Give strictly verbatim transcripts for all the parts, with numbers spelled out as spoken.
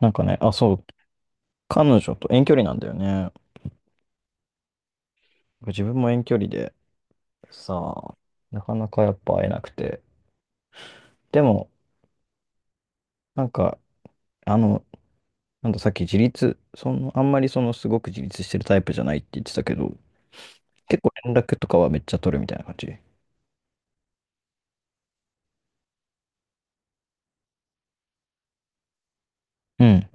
なんかね、あ、そう、彼女と遠距離なんだよね。自分も遠距離でさ、なかなかやっぱ会えなくて。でも、なんか、あの、なんださっき自立、その、あんまりそのすごく自立してるタイプじゃないって言ってたけど、結構連絡とかはめっちゃ取るみたいな感じ。うん。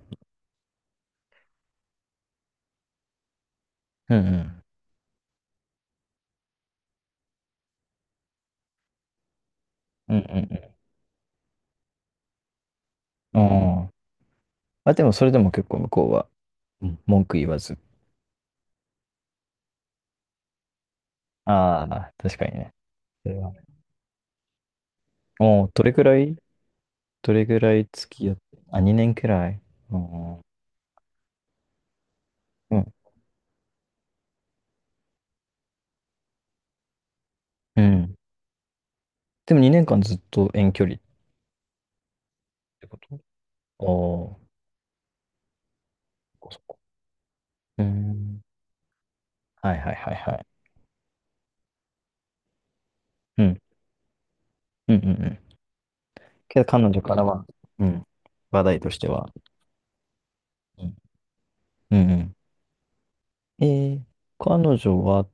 うんうん。うんうんうん。あーあ、でもそれでも結構向こうは、うん文句言わず。ああ、確かにね。それはねおーどれぐらいどれぐらい付き合って、あ、にねんくらい。うん。うん。うんでもにねんかんずっと遠距離ってこと、ああー、そっかそっか。うーん。はいはいはいはい。うん。うんうんうん。けど彼女からは、うん。話題としては。うん。うんうん。えー、彼女は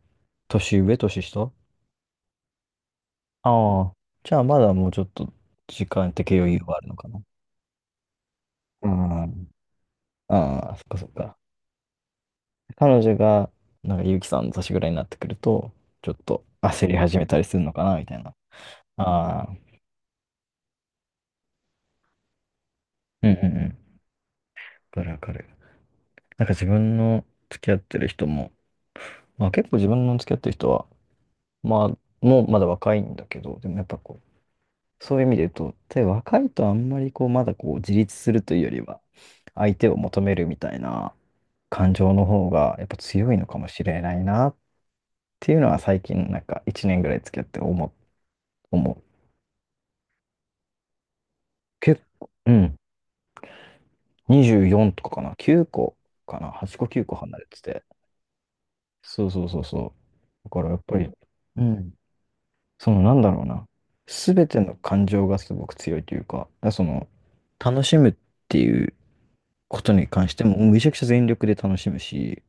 年上、年下、ああ。じゃあまだもうちょっと時間的余裕はあるのかな。ああ、ああ、そっかそっか。彼女が、なんか、ゆうきさんの年ぐらいになってくると、ちょっと焦り始めたりするのかな、みたいな。ああ、うんうんうん。わかるわかる。なんか自分の付き合ってる人も、まあ結構自分の付き合ってる人は、まあ、もうまだ若いんだけど、でもやっぱこう、そういう意味で言うと、で、若いとあんまりこう、まだこう、自立するというよりは、相手を求めるみたいな感情の方が、やっぱ強いのかもしれないなっていうのは最近、なんかいちねんぐらい付き合って思う、思う。結構、うん、にじゅうよんとかかな、きゅうこかな、はっこきゅうこ離れてて、そうそうそうそう。だからやっぱり、うん。そのなんだろうな。すべての感情がすごく強いというか、だからその、楽しむっていうことに関しても、めちゃくちゃ全力で楽しむし、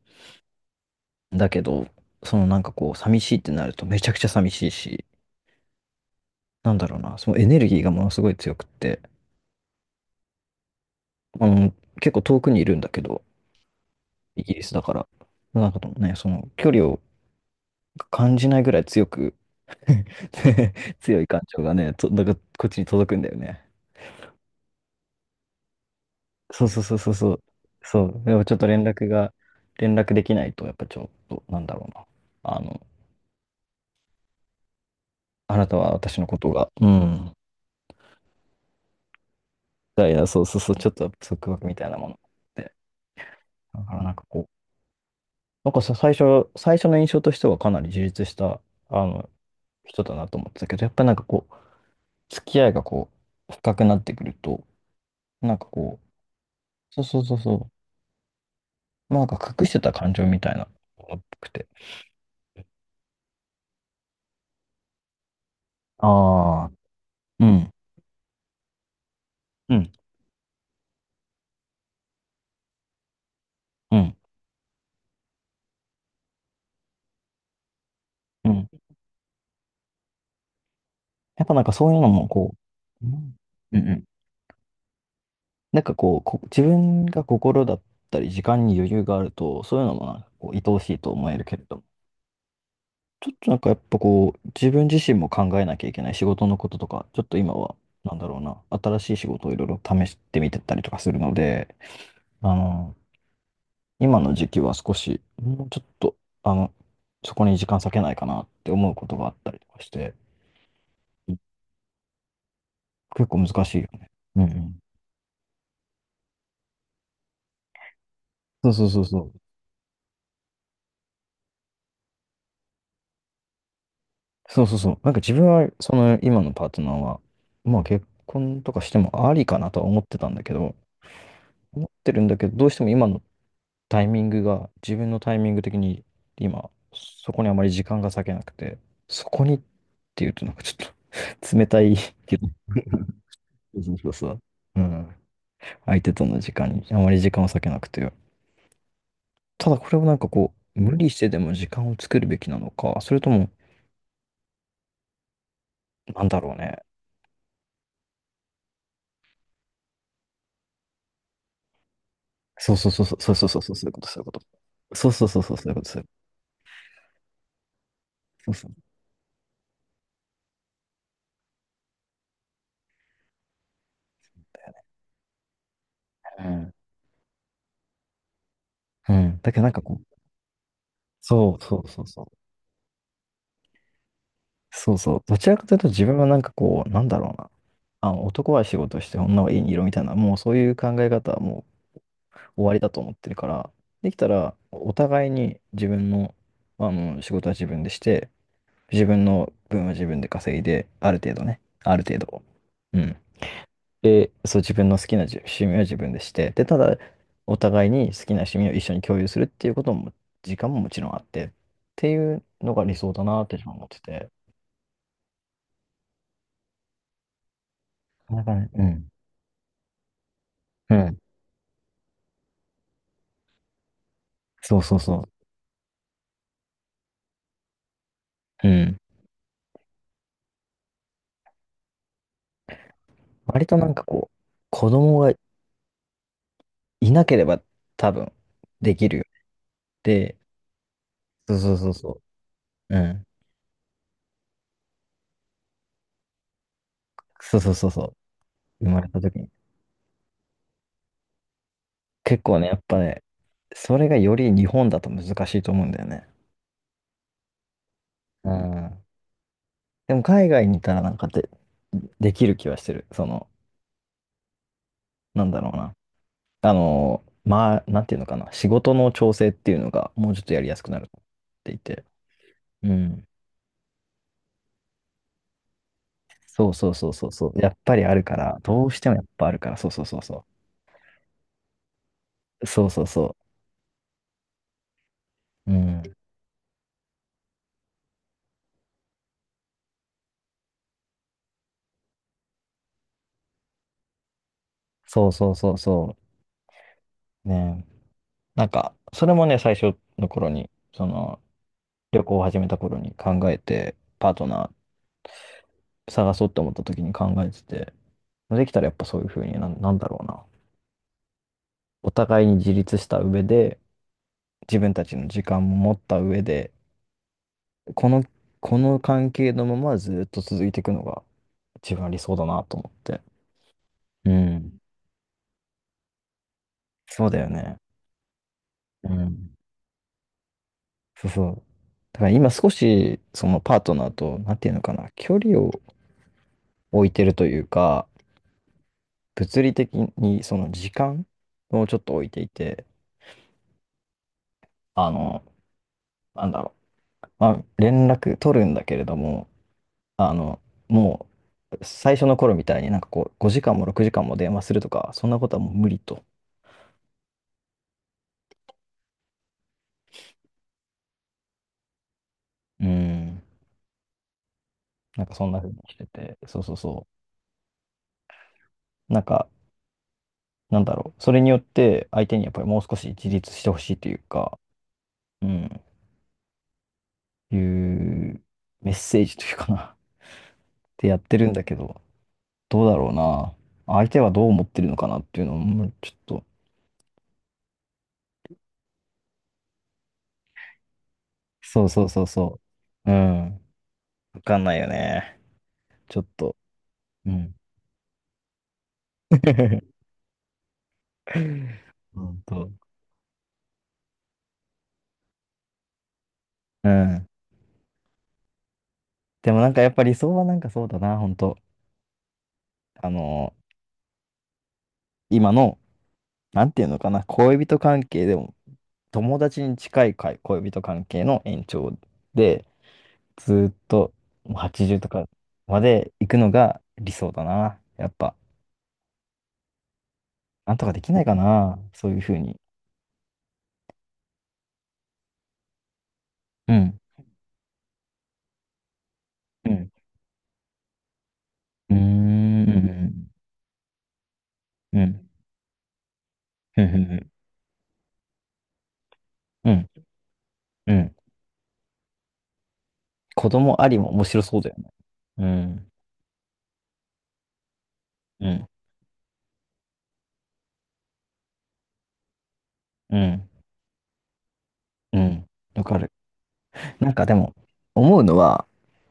だけど、そのなんかこう、寂しいってなるとめちゃくちゃ寂しいし、なんだろうな、そのエネルギーがものすごい強くって、あの、結構遠くにいるんだけど、イギリスだから、なんかともね、その距離を感じないぐらい強く 強い感情がね、と、なんかこっちに届くんだよね。そうそうそうそうそう。そう。でもちょっと連絡が、連絡できないと、やっぱちょっと、なんだろうな。あの、あなたは私のことが、うん。だ、いやそうそうそう、ちょっと束縛みたいなもので。だからなんかこう、なんかさ、最初、最初の印象としてはかなり充実した、あの、人だなと思ってたけど、やっぱなんかこう、付き合いがこう、深くなってくると、なんかこう、そうそうそうそう、なんか隠してた感情みたいな、っぽくて。ああ、うん、うん、うん。うんやっぱなんかそういうのもこう、うんうんうん、なんかこう、こ自分が心だったり時間に余裕があると、そういうのもなんかこう、愛おしいと思えるけれども、ちょっとなんかやっぱこう、自分自身も考えなきゃいけない仕事のこととか、ちょっと今は、なんだろうな、新しい仕事をいろいろ試してみてたりとかするので、あの、今の時期は少し、もうちょっと、あの、そこに時間割けないかなって思うことがあったりとかして、結構難しいよね。うんうん。そうそうそうそう。そうそうそう。なんか自分は、その今のパートナーは、まあ結婚とかしてもありかなとは思ってたんだけど、思ってるんだけど、どうしても今のタイミングが、自分のタイミング的に今、そこにあまり時間が割けなくて、そこにっていうとなんかちょっと 冷たいけど、そうそうそう。うん。相手との時間にあまり時間を割けなくて。ただこれをなんかこう、無理してでも時間を作るべきなのか、それとも、なんだろうね。そうそうそうそうそうそうそうそうそういうことそういうこと。そうそうそうそうそういうことそういうこと。そうそう。うん。うん。だけどなんかこう、そうそうそうそう。そうそう。どちらかというと自分はなんかこう、なんだろうな。あの、男は仕事して女は家にいろみたいな、もうそういう考え方はもう終わりだと思ってるから、できたらお互いに自分の、あの、仕事は自分でして、自分の分は自分で稼いで、ある程度ね。ある程度。うん。で、そう、自分の好きなじゅ趣味は自分でして、で、ただ、お互いに好きな趣味を一緒に共有するっていうことも、時間ももちろんあって、っていうのが理想だなって自分は思ってて。なんかね、うん。うん。そうそうそう。うん。割となんかこう、子供がいなければ多分、できるよね。で、そうそうそうそう。うん。そうそうそうそう。生まれた時に。結構ね、やっぱね、それがより日本だと難しいと思うんだよね。うん。でも海外にいたらなんかで、できる気はしてる。その、なんだろうな。あの、まあ、なんていうのかな。仕事の調整っていうのがもうちょっとやりやすくなるっていて。うん。そうそうそうそうそう。やっぱりあるから、どうしてもやっぱあるから、そうそうそうそう。そうそうそう。うん。そうそうそうそう。ね。なんか、それもね、最初の頃に、その、旅行を始めた頃に考えて、パートナー探そうと思った時に考えてて、できたらやっぱそういうふうにな、なんだろうな。お互いに自立した上で、自分たちの時間も持った上で、この、この関係のままずっと続いていくのが一番理想だなと思って。うん。そうだよね。うん。そうそう。だから今少し、そのパートナーと、なんていうのかな、距離を置いてるというか、物理的にその時間をちょっと置いていて、あの、なんだろう。まあ、連絡取るんだけれども、あの、もう、最初の頃みたいになんかこう、ごじかんもろくじかんも電話するとか、そんなことはもう無理と。うん。なんかそんな風にしてて、そうそうそう。なんか、なんだろう。それによって相手にやっぱりもう少し自立してほしいというか、うん、いうメッセージというかな、ってやってるんだけど、どうだろうな。相手はどう思ってるのかなっていうのも、ちょっと、そうそうそうそう。うん。わかんないよね。ちょっと。うん。本当。うん。でもなんかやっぱ理想はなんかそうだな、本当あのー今の、なんていうのかな、恋人関係でも、友達に近いかい恋人関係の延長で、ずーっともうはちじゅうとかまで行くのが理想だな。やっぱ、なんとかできないかな、そういうふうに。うん。うん。うーん。うん。うん。うん。うん。うん子供ありも面白そうだよね。うん。うん。うん。うん。わかる。なんかでも、思うのは、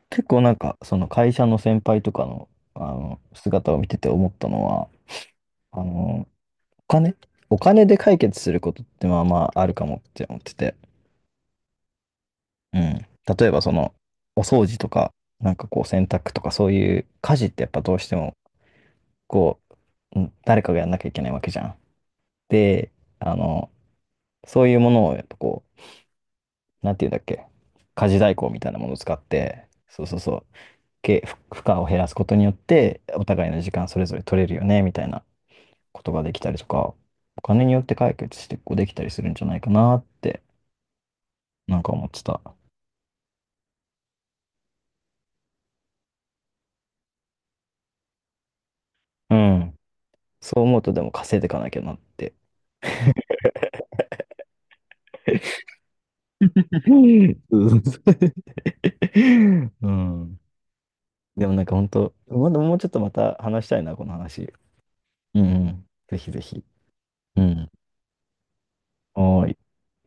結構なんか、その会社の先輩とかの、あの、姿を見てて思ったのは、あの、お金お金で解決することってまあまああるかもって思ってて。うん。例えばその、お掃除とか、なんかこう洗濯とかそういう家事ってやっぱどうしても、こう、うん誰かがやんなきゃいけないわけじゃん。で、あの、そういうものをやっぱこう、なんていうんだっけ、家事代行みたいなものを使って、そうそうそう、け負負荷を減らすことによって、お互いの時間それぞれ取れるよね、みたいな。ことができたりとか、お金によって解決してこうできたりするんじゃないかなって、なんか思ってた。うん。そう思うとでも稼いでいかなきゃなって。うんでもなんか本当、まだもうちょっとまた話したいな、この話。うんうん。ぜひぜひ。うん。おーい。